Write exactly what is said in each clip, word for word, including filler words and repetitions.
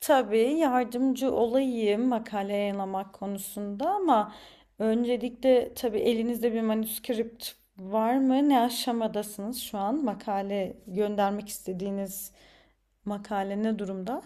Tabii yardımcı olayım makale yayınlamak konusunda ama öncelikle tabii elinizde bir manuskript var mı? Ne aşamadasınız şu an? Makale göndermek istediğiniz makale ne durumda?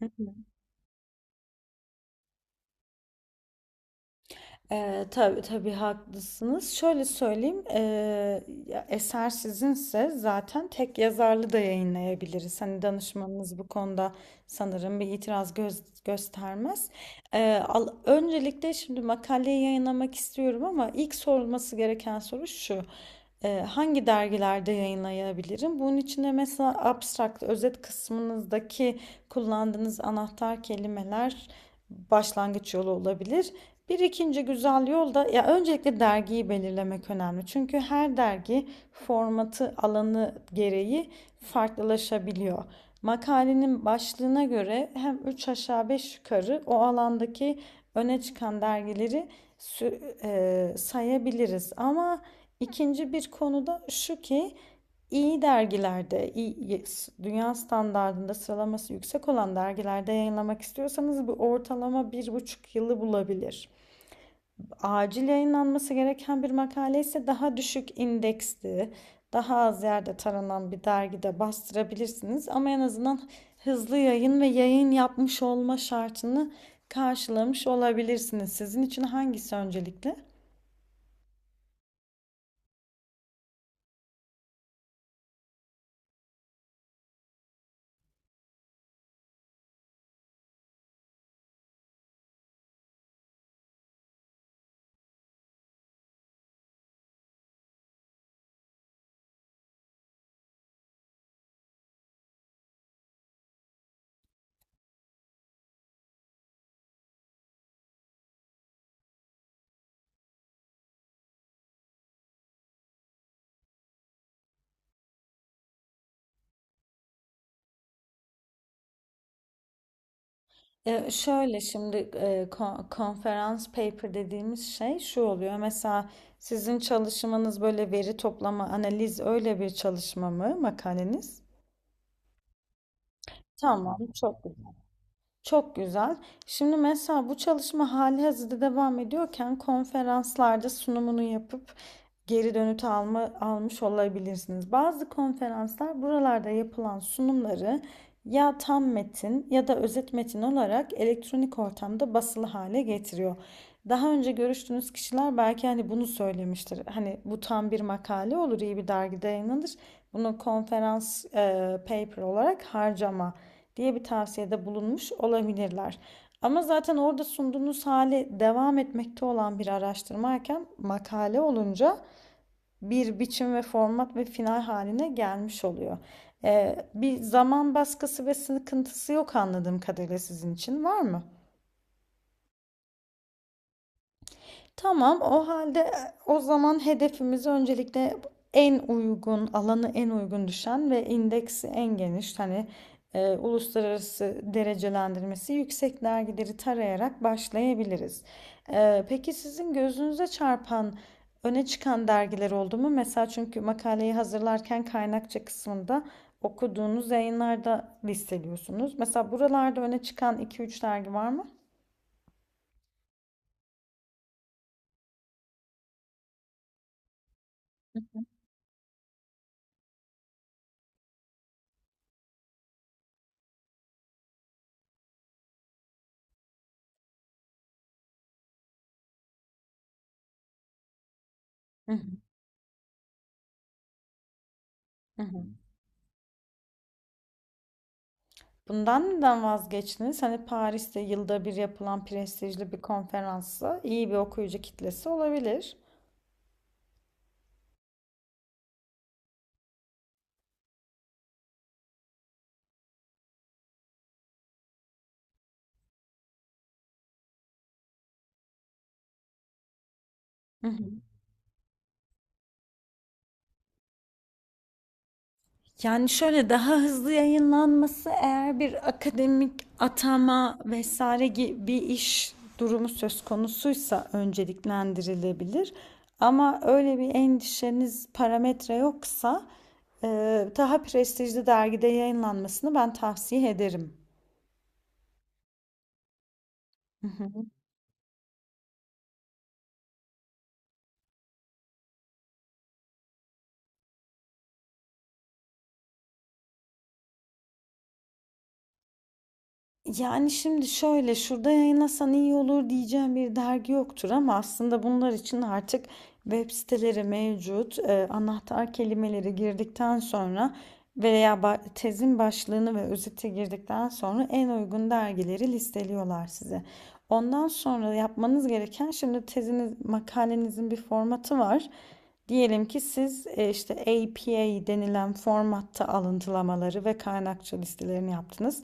Hı. Ee, tabii tabii haklısınız. Şöyle söyleyeyim, ee, ya eser sizinse zaten tek yazarlı da yayınlayabiliriz. Hani danışmanınız bu konuda sanırım bir itiraz göz- göstermez. Ee, al- öncelikle şimdi makaleyi yayınlamak istiyorum ama ilk sorulması gereken soru şu. Ee, hangi dergilerde yayınlayabilirim? Bunun için de mesela abstract, özet kısmınızdaki kullandığınız anahtar kelimeler başlangıç yolu olabilir. Bir ikinci güzel yol da ya öncelikle dergiyi belirlemek önemli. Çünkü her dergi formatı, alanı gereği farklılaşabiliyor. Makalenin başlığına göre hem üç aşağı beş yukarı o alandaki öne çıkan dergileri e, sayabiliriz. Ama ikinci bir konu da şu ki iyi dergilerde, iyi, dünya standartında sıralaması yüksek olan dergilerde yayınlamak istiyorsanız bu ortalama bir buçuk yılı bulabilir, acil yayınlanması gereken bir makale ise daha düşük indeksli, daha az yerde taranan bir dergide bastırabilirsiniz. Ama en azından hızlı yayın ve yayın yapmış olma şartını karşılamış olabilirsiniz. Sizin için hangisi öncelikli? Ee, şöyle şimdi e, konferans paper dediğimiz şey şu oluyor. Mesela sizin çalışmanız böyle veri toplama, analiz öyle bir çalışma mı makaleniz? Tamam, çok güzel. Çok güzel. Şimdi mesela bu çalışma hali hazırda devam ediyorken konferanslarda sunumunu yapıp geri dönüt alma, almış olabilirsiniz. Bazı konferanslar buralarda yapılan sunumları ya tam metin ya da özet metin olarak elektronik ortamda basılı hale getiriyor. Daha önce görüştüğünüz kişiler belki hani bunu söylemiştir. Hani bu tam bir makale olur, iyi bir dergide yayınlanır. Bunu konferans e, paper olarak harcama diye bir tavsiyede bulunmuş olabilirler. Ama zaten orada sunduğunuz hali devam etmekte olan bir araştırmayken makale olunca bir biçim ve format ve final haline gelmiş oluyor. Ee, bir zaman baskısı ve sıkıntısı yok anladığım kadarıyla, sizin için var mı? Tamam, o halde e, o zaman hedefimizi öncelikle en uygun, alanı en uygun düşen ve indeksi en geniş, hani e, uluslararası derecelendirmesi yüksek dergileri tarayarak başlayabiliriz. E, peki sizin gözünüze çarpan, öne çıkan dergiler oldu mu? Mesela çünkü makaleyi hazırlarken kaynakça kısmında okuduğunuz yayınlarda listeliyorsunuz. Mesela buralarda öne çıkan iki üç dergi var mı? Hı hı. Hı hı. Bundan neden vazgeçtiniz? Hani Paris'te yılda bir yapılan prestijli bir konferansı iyi bir okuyucu kitlesi olabilir. Hı hı. Yani şöyle, daha hızlı yayınlanması eğer bir akademik atama vesaire gibi bir iş durumu söz konusuysa önceliklendirilebilir. Ama öyle bir endişeniz parametre yoksa e, daha prestijli dergide yayınlanmasını ben tavsiye ederim. Yani şimdi şöyle, şurada yayınlasan iyi olur diyeceğim bir dergi yoktur ama aslında bunlar için artık web siteleri mevcut. Eee, anahtar kelimeleri girdikten sonra veya ba- tezin başlığını ve özeti girdikten sonra en uygun dergileri listeliyorlar size. Ondan sonra yapmanız gereken şimdi teziniz, makalenizin bir formatı var. Diyelim ki siz e, işte A P A denilen formatta alıntılamaları ve kaynakça listelerini yaptınız.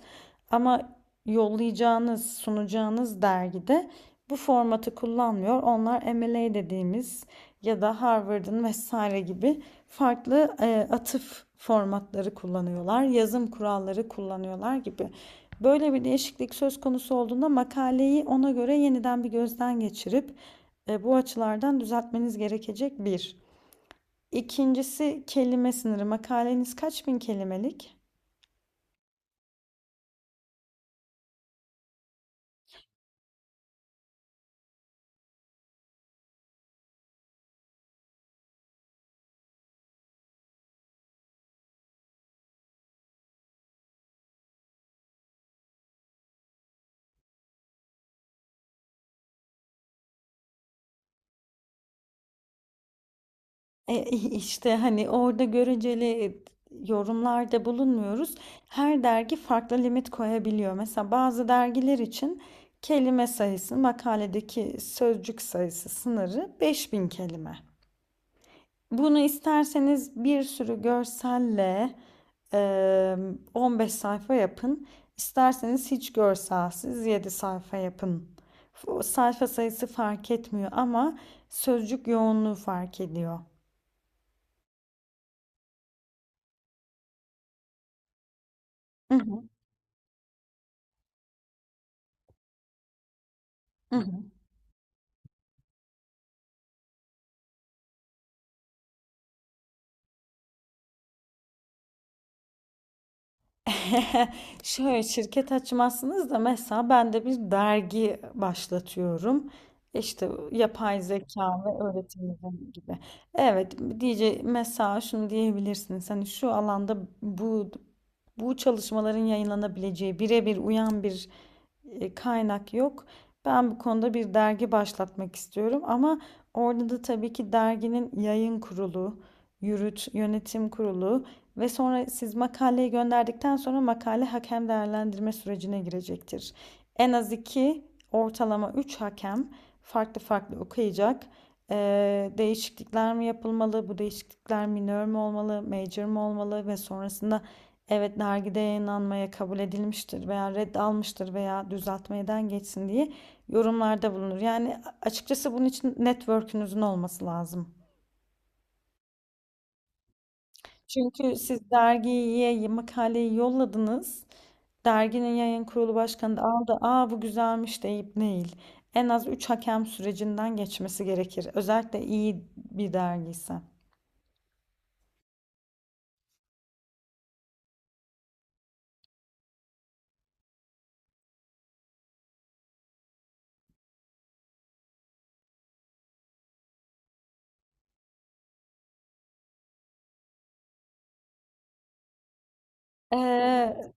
Ama yollayacağınız, sunacağınız dergide bu formatı kullanmıyor. Onlar M L A dediğimiz ya da Harvard'ın vesaire gibi farklı e, atıf formatları kullanıyorlar, yazım kuralları kullanıyorlar gibi. Böyle bir değişiklik söz konusu olduğunda makaleyi ona göre yeniden bir gözden geçirip e, bu açılardan düzeltmeniz gerekecek bir. İkincisi kelime sınırı. Makaleniz kaç bin kelimelik? E, işte hani orada göreceli e, yorumlarda bulunmuyoruz. Her dergi farklı limit koyabiliyor. Mesela bazı dergiler için kelime sayısı, makaledeki sözcük sayısı sınırı beş bin kelime. Bunu isterseniz bir sürü görselle e, on beş sayfa yapın. İsterseniz hiç görselsiz yedi sayfa yapın. O sayfa sayısı fark etmiyor ama sözcük yoğunluğu fark ediyor. Hı hı. Hı hı. Şöyle şirket açmazsınız da mesela ben de bir dergi başlatıyorum. İşte yapay zeka ve öğretim gibi. Evet diyece mesela şunu diyebilirsiniz. Hani şu alanda bu bu çalışmaların yayınlanabileceği birebir uyan bir e, kaynak yok. Ben bu konuda bir dergi başlatmak istiyorum ama orada da tabii ki derginin yayın kurulu, yürüt, yönetim kurulu ve sonra siz makaleyi gönderdikten sonra makale hakem değerlendirme sürecine girecektir. En az iki, ortalama üç hakem farklı farklı okuyacak. Ee, değişiklikler mi yapılmalı, bu değişiklikler minor mü olmalı, major mu olmalı ve sonrasında evet dergide yayınlanmaya kabul edilmiştir veya red almıştır veya düzeltmeden geçsin diye yorumlarda bulunur. Yani açıkçası bunun için network'ünüzün olması lazım. Çünkü siz dergiye makaleyi yolladınız. Derginin yayın kurulu başkanı da aldı. Aa bu güzelmiş deyip değil. En az üç hakem sürecinden geçmesi gerekir. Özellikle iyi bir dergiyse. Ee,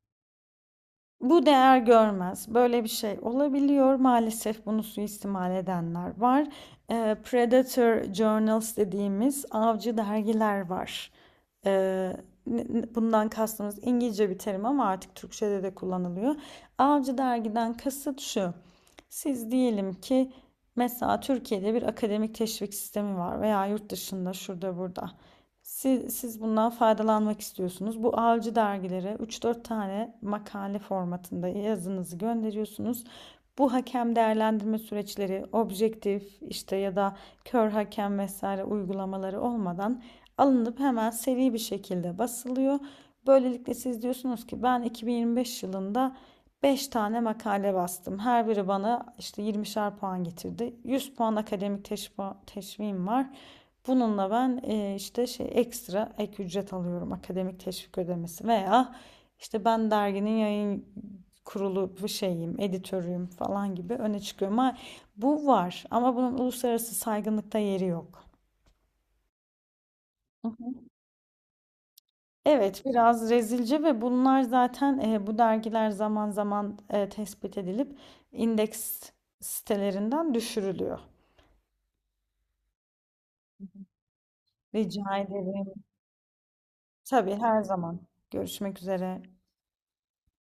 Bu değer görmez. Böyle bir şey olabiliyor. Maalesef bunu suistimal edenler var. Eee, Predator Journals dediğimiz avcı dergiler var. Eee, Bundan kastımız İngilizce bir terim ama artık Türkçe'de de kullanılıyor. Avcı dergiden kasıt şu. Siz diyelim ki mesela Türkiye'de bir akademik teşvik sistemi var veya yurt dışında şurada burada. Siz, siz bundan faydalanmak istiyorsunuz. Bu avcı dergilere üç dört tane makale formatında yazınızı gönderiyorsunuz. Bu hakem değerlendirme süreçleri objektif işte ya da kör hakem vesaire uygulamaları olmadan alınıp hemen seri bir şekilde basılıyor. Böylelikle siz diyorsunuz ki ben iki bin yirmi beş yılında beş tane makale bastım. Her biri bana işte yirmişer puan getirdi. yüz puan akademik teşvim var. Bununla ben eee, işte şey ekstra ek ücret alıyorum akademik teşvik ödemesi veya işte ben derginin yayın kurulu bu şeyim, editörüyüm falan gibi öne çıkıyorum. Ama bu var ama bunun uluslararası saygınlıkta yeri yok. Hı hı. Evet, biraz rezilce ve bunlar zaten e, bu dergiler zaman zaman e, tespit edilip indeks sitelerinden düşürülüyor. Rica ederim. Tabii her zaman. Görüşmek üzere.